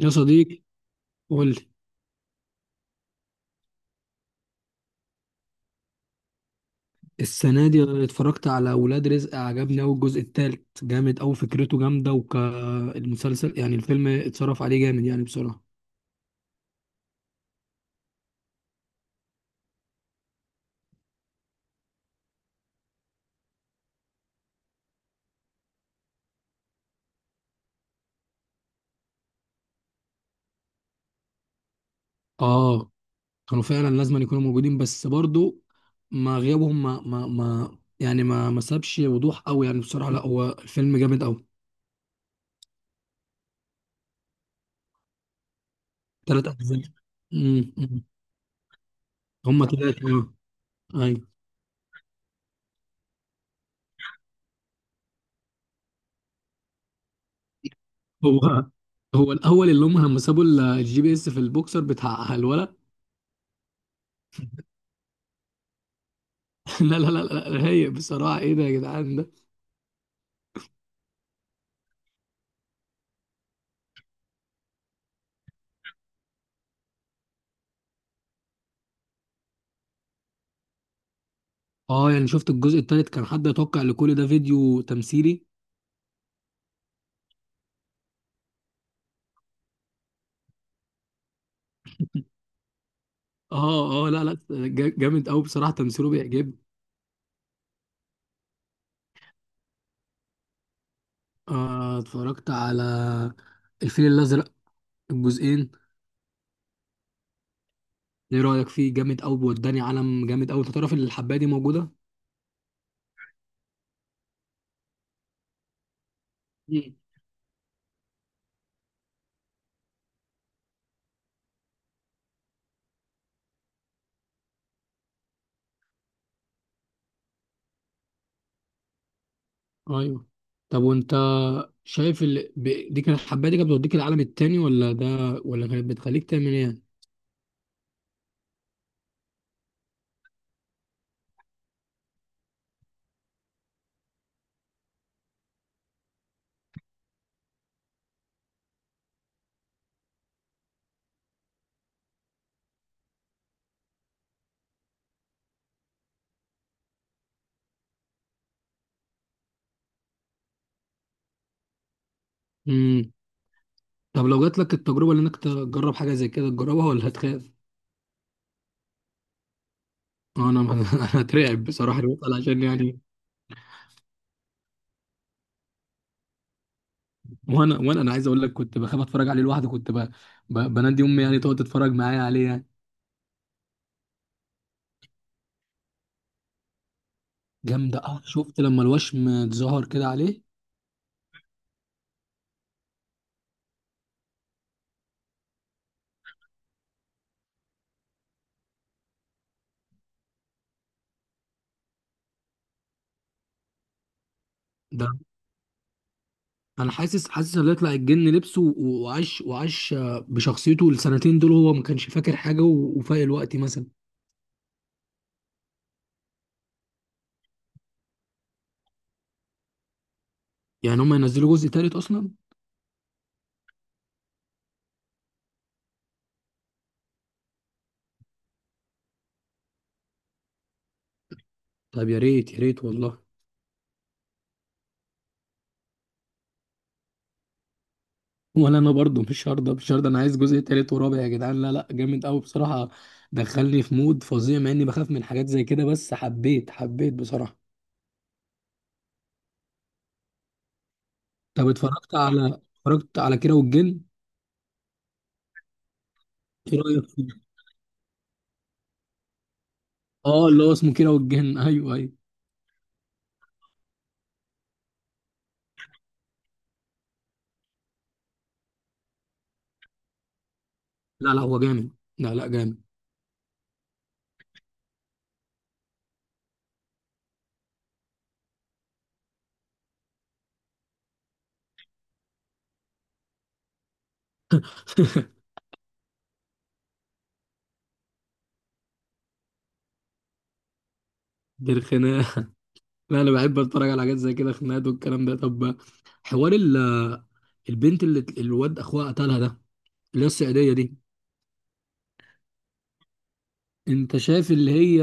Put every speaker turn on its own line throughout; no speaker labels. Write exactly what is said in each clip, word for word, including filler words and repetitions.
يا صديقي، قول لي. السنة دي اتفرجت على ولاد رزق، عجبني أوي. الجزء التالت جامد أوي، فكرته جامدة وكالمسلسل يعني. الفيلم اتصرف عليه جامد يعني بسرعة. آه، كانوا فعلا لازم أن يكونوا موجودين، بس برضو ما غيابهم ما ما ما يعني ما ما سابش وضوح أوي يعني. بصراحة لا، هو الفيلم جامد أوي. تلات أجزاء. أمم، أمم. هما تلاتة آه. أيوة. هو هو الأول اللي هم لما سابوا ال- الجي بي إس في البوكسر بتاع الولد. لا لا لا لا، رايق بصراحة. ايه ده يا جدعان ده؟ اه يعني، شفت الجزء التالت؟ كان حد يتوقع ان كل ده فيديو تمثيلي؟ اه اه، لا لا، جا- جامد قوي بصراحة، تمثيله بيعجبني. آه، اتفرجت على الفيل الأزرق، الجزئين. ايه رأيك فيه؟ جامد قوي، وداني عالم جامد قوي. انت تعرف ان الحباية دي موجودة؟ مم. ايوه. طب وانت شايف ال... ب- دي كانت الحباية دي كانت بتوديك العالم التاني، ولا ده ولا كانت بتخليك تعمل ايه؟ يعني؟ مم. طب لو جات لك التجربة، اللي انك تجرب حاجة زي كده، تجربها ولا هتخاف؟ انا انا اترعب بصراحه لما بسأل، عشان يعني وانا وانا انا عايز اقول لك، كنت بخاف اتفرج عليه لوحدي، كنت ب... ب... بنادي امي يعني تقعد تتفرج معايا عليه يعني. جامده اه. شفت لما الوشم اتظهر كده عليه؟ ده انا حاسس حاسس ان يطلع الجن لبسه و- وعاش وعاش آه، بشخصيته السنتين دول، هو ما كانش فاكر حاجه و... وفايق الوقت مثلا. يعني هم ينزلوا جزء تالت اصلا؟ طب يا ريت يا ريت والله. ولا انا برضو مش هرضى، مش هرضى. انا عايز جزء تالت ورابع يا جدعان، لا لا جامد قوي بصراحه. دخلني في مود فظيع مع اني بخاف من حاجات زي كده، بس حبيت حبيت بصراحه. طب اتفرجت على اتفرجت على كيرة والجن؟ ايه رايك فيه؟ اه اللي هو اسمه كيرة والجن. ايوه ايوه، لا لا هو جامد، لا لا جامد. دي الخناقه. لا انا بحب اتفرج على حاجات زي كده، خناقات والكلام ده. طب، حوار ال البنت اللي الواد اخوها قتلها ده، اللي هي الصعيديه دي، انت شايف اللي هي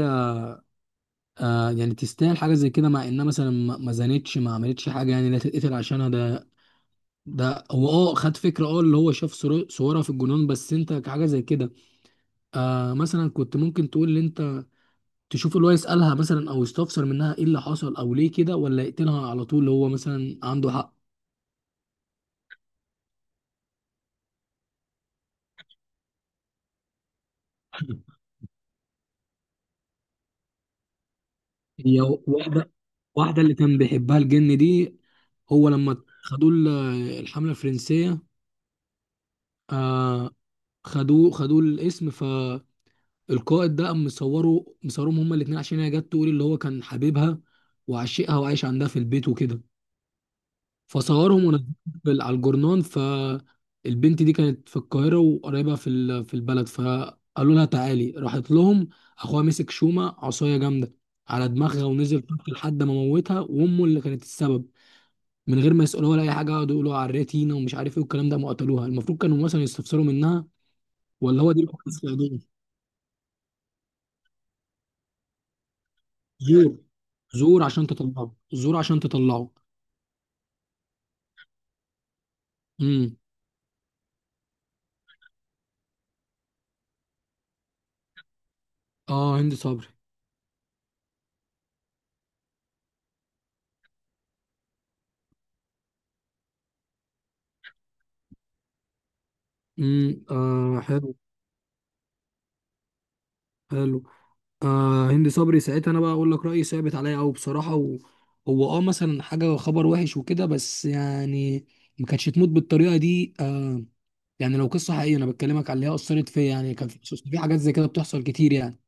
آه يعني، تستاهل حاجه زي كده؟ مع انها مثلا ما ما زنتش، ما عملتش حاجه يعني لا تتقتل عشانها. ده ده هو اه خد فكره، اه اللي هو شاف صور- صورها في الجنون، بس انت كحاجه زي كده، آه مثلا كنت ممكن تقول ان انت تشوف اللي هو يسالها مثلا، او يستفسر منها ايه اللي حصل او ليه كده، ولا يقتلها على طول اللي هو مثلا عنده حق. هي واحده واحده اللي كان بيحبها الجن دي، هو لما خدوه ال- الحمله الفرنسيه، آه. خدوه خدوه الاسم، ف القائد ده قام مصوره، مصورهم هما الاتنين، عشان هي جت تقول اللي هو كان حبيبها وعشقها وعايش عندها في البيت وكده، فصورهم ونزلهم في ال- على الجورنان. فالبنت دي كانت في القاهرة وقريبة في ال- في البلد، فقالوا لها تعالي، راحت لهم. اخوها مسك شومة، عصاية جامدة على دماغها ونزل طق لحد ما موتها، وامه اللي كانت السبب. من غير ما يسألوها ولا اي حاجة، قعدوا يقولوا عريتينا ومش عارف ايه والكلام ده. ما قتلوها، المفروض كانوا مثلا يستفسروا منها. ولا هو دي اللي كانت بتساعدهم؟ زور. زور عشان تطلعه، زور عشان تطلعه. امم. اه هند صبري. امم، آه حلو. حلو. آه هند صبري ساعتها، انا بقى اقول لك رايي ثابت عليا قوي بصراحه و... هو اه مثلا حاجه، خبر وحش وكده، بس يعني ما كانتش تموت بالطريقه دي آه. يعني لو قصه حقيقيه، انا بكلمك على اللي هي اثرت فيا يعني. كان في في حاجات زي كده بتحصل كتير يعني.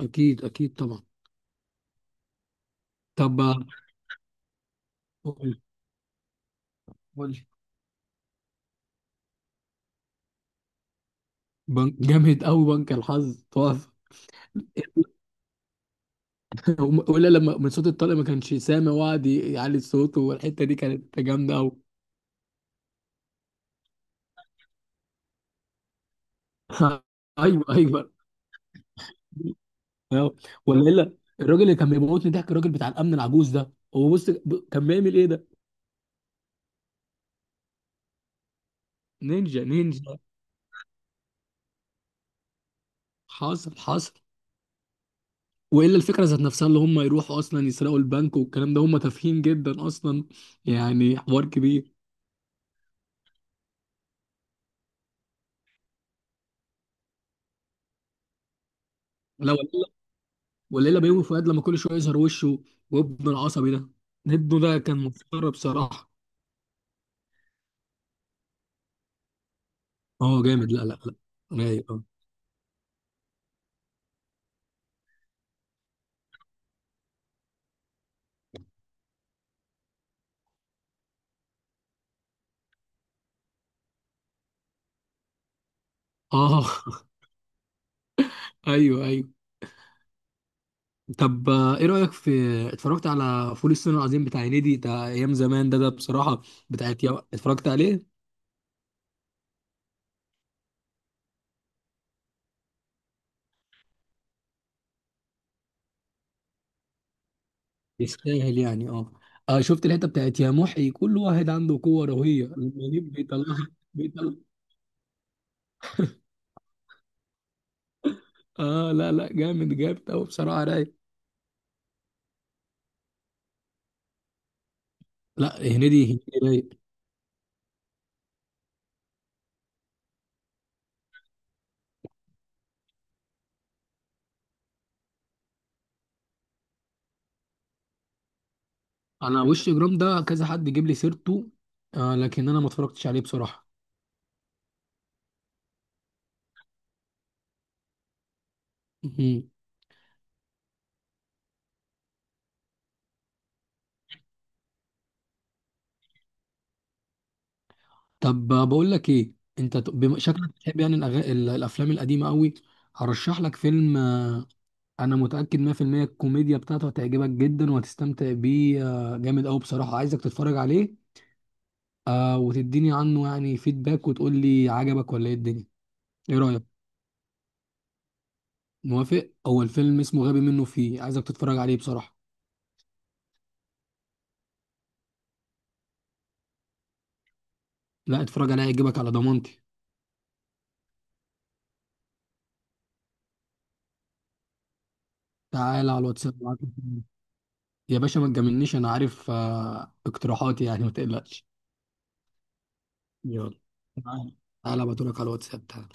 اكيد اكيد طبعا. طب آه، قول. قول. بنك جامد قوي، بنك الحظ تقف. هم- ولا لما من صوت الطلق ما كانش سامع وقعد يعلي صوته، والحته دي كانت جامده قوي. ايوه ايوه. أيوة. ولا الا الراجل اللي كان بيموتني ضحك، الراجل بتاع الامن العجوز ده، هو بص ب- كان بيعمل ايه ده؟ نينجا نينجا. حاصل حاصل. والا الفكره ذات نفسها، اللي هم يروحوا اصلا يسرقوا البنك والكلام ده، هم تافهين جدا اصلا يعني، حوار كبير. لا ولا إلا- ولا الا بيومي فؤاد لما كل شويه يظهر وشه وابنه العصبي ده. ابنه ده كان مسخره بصراحه. اه جامد، لا لا. لا اه. ايوه ايوه. طب آه، ايه رايك في اتفرجت على فول الصين العظيم بتاع هنيدي بتاع ايام زمان ده؟ ده بصراحه بتاعت يا... اتفرجت عليه؟ يستاهل يعني اه. آه، شفت الحته بتاعت يا محي؟ كل واحد عنده قوه رهيبه المنيب بيطلعها، بيطلع. اه لا لا، جامد، جامد قوي بصراحه رايق. لا هنيدي، هنيدي رايق. انا وش جرام ده كذا حد جيب لي سيرته، آه، لكن انا ما اتفرجتش عليه بصراحه. طب بقول لك ايه، انت ت- بم- شكلك بتحب يعني الأغا- ال- الافلام القديمه قوي. هرشح لك فيلم آه، انا متاكد مية في المية الكوميديا بتاعته هتعجبك جدا وهتستمتع بيه. آه، جامد قوي بصراحه، عايزك تتفرج عليه. آه، وتديني عنه يعني فيدباك وتقول لي عجبك ولا ايه الدنيا. ايه رايك؟ موافق. هو الفيلم اسمه غبي منه فيه، عايزك تتفرج عليه بصراحه. لا اتفرج عليه، هيعجبك على ضمانتي. تعالى على الواتساب ابعت لك. يا باشا ما تجاملنيش، انا عارف آه، اقتراحاتي يعني، ما تقلقش. يلا، تعالى تعالى، بقولك على الواتساب، تعالى.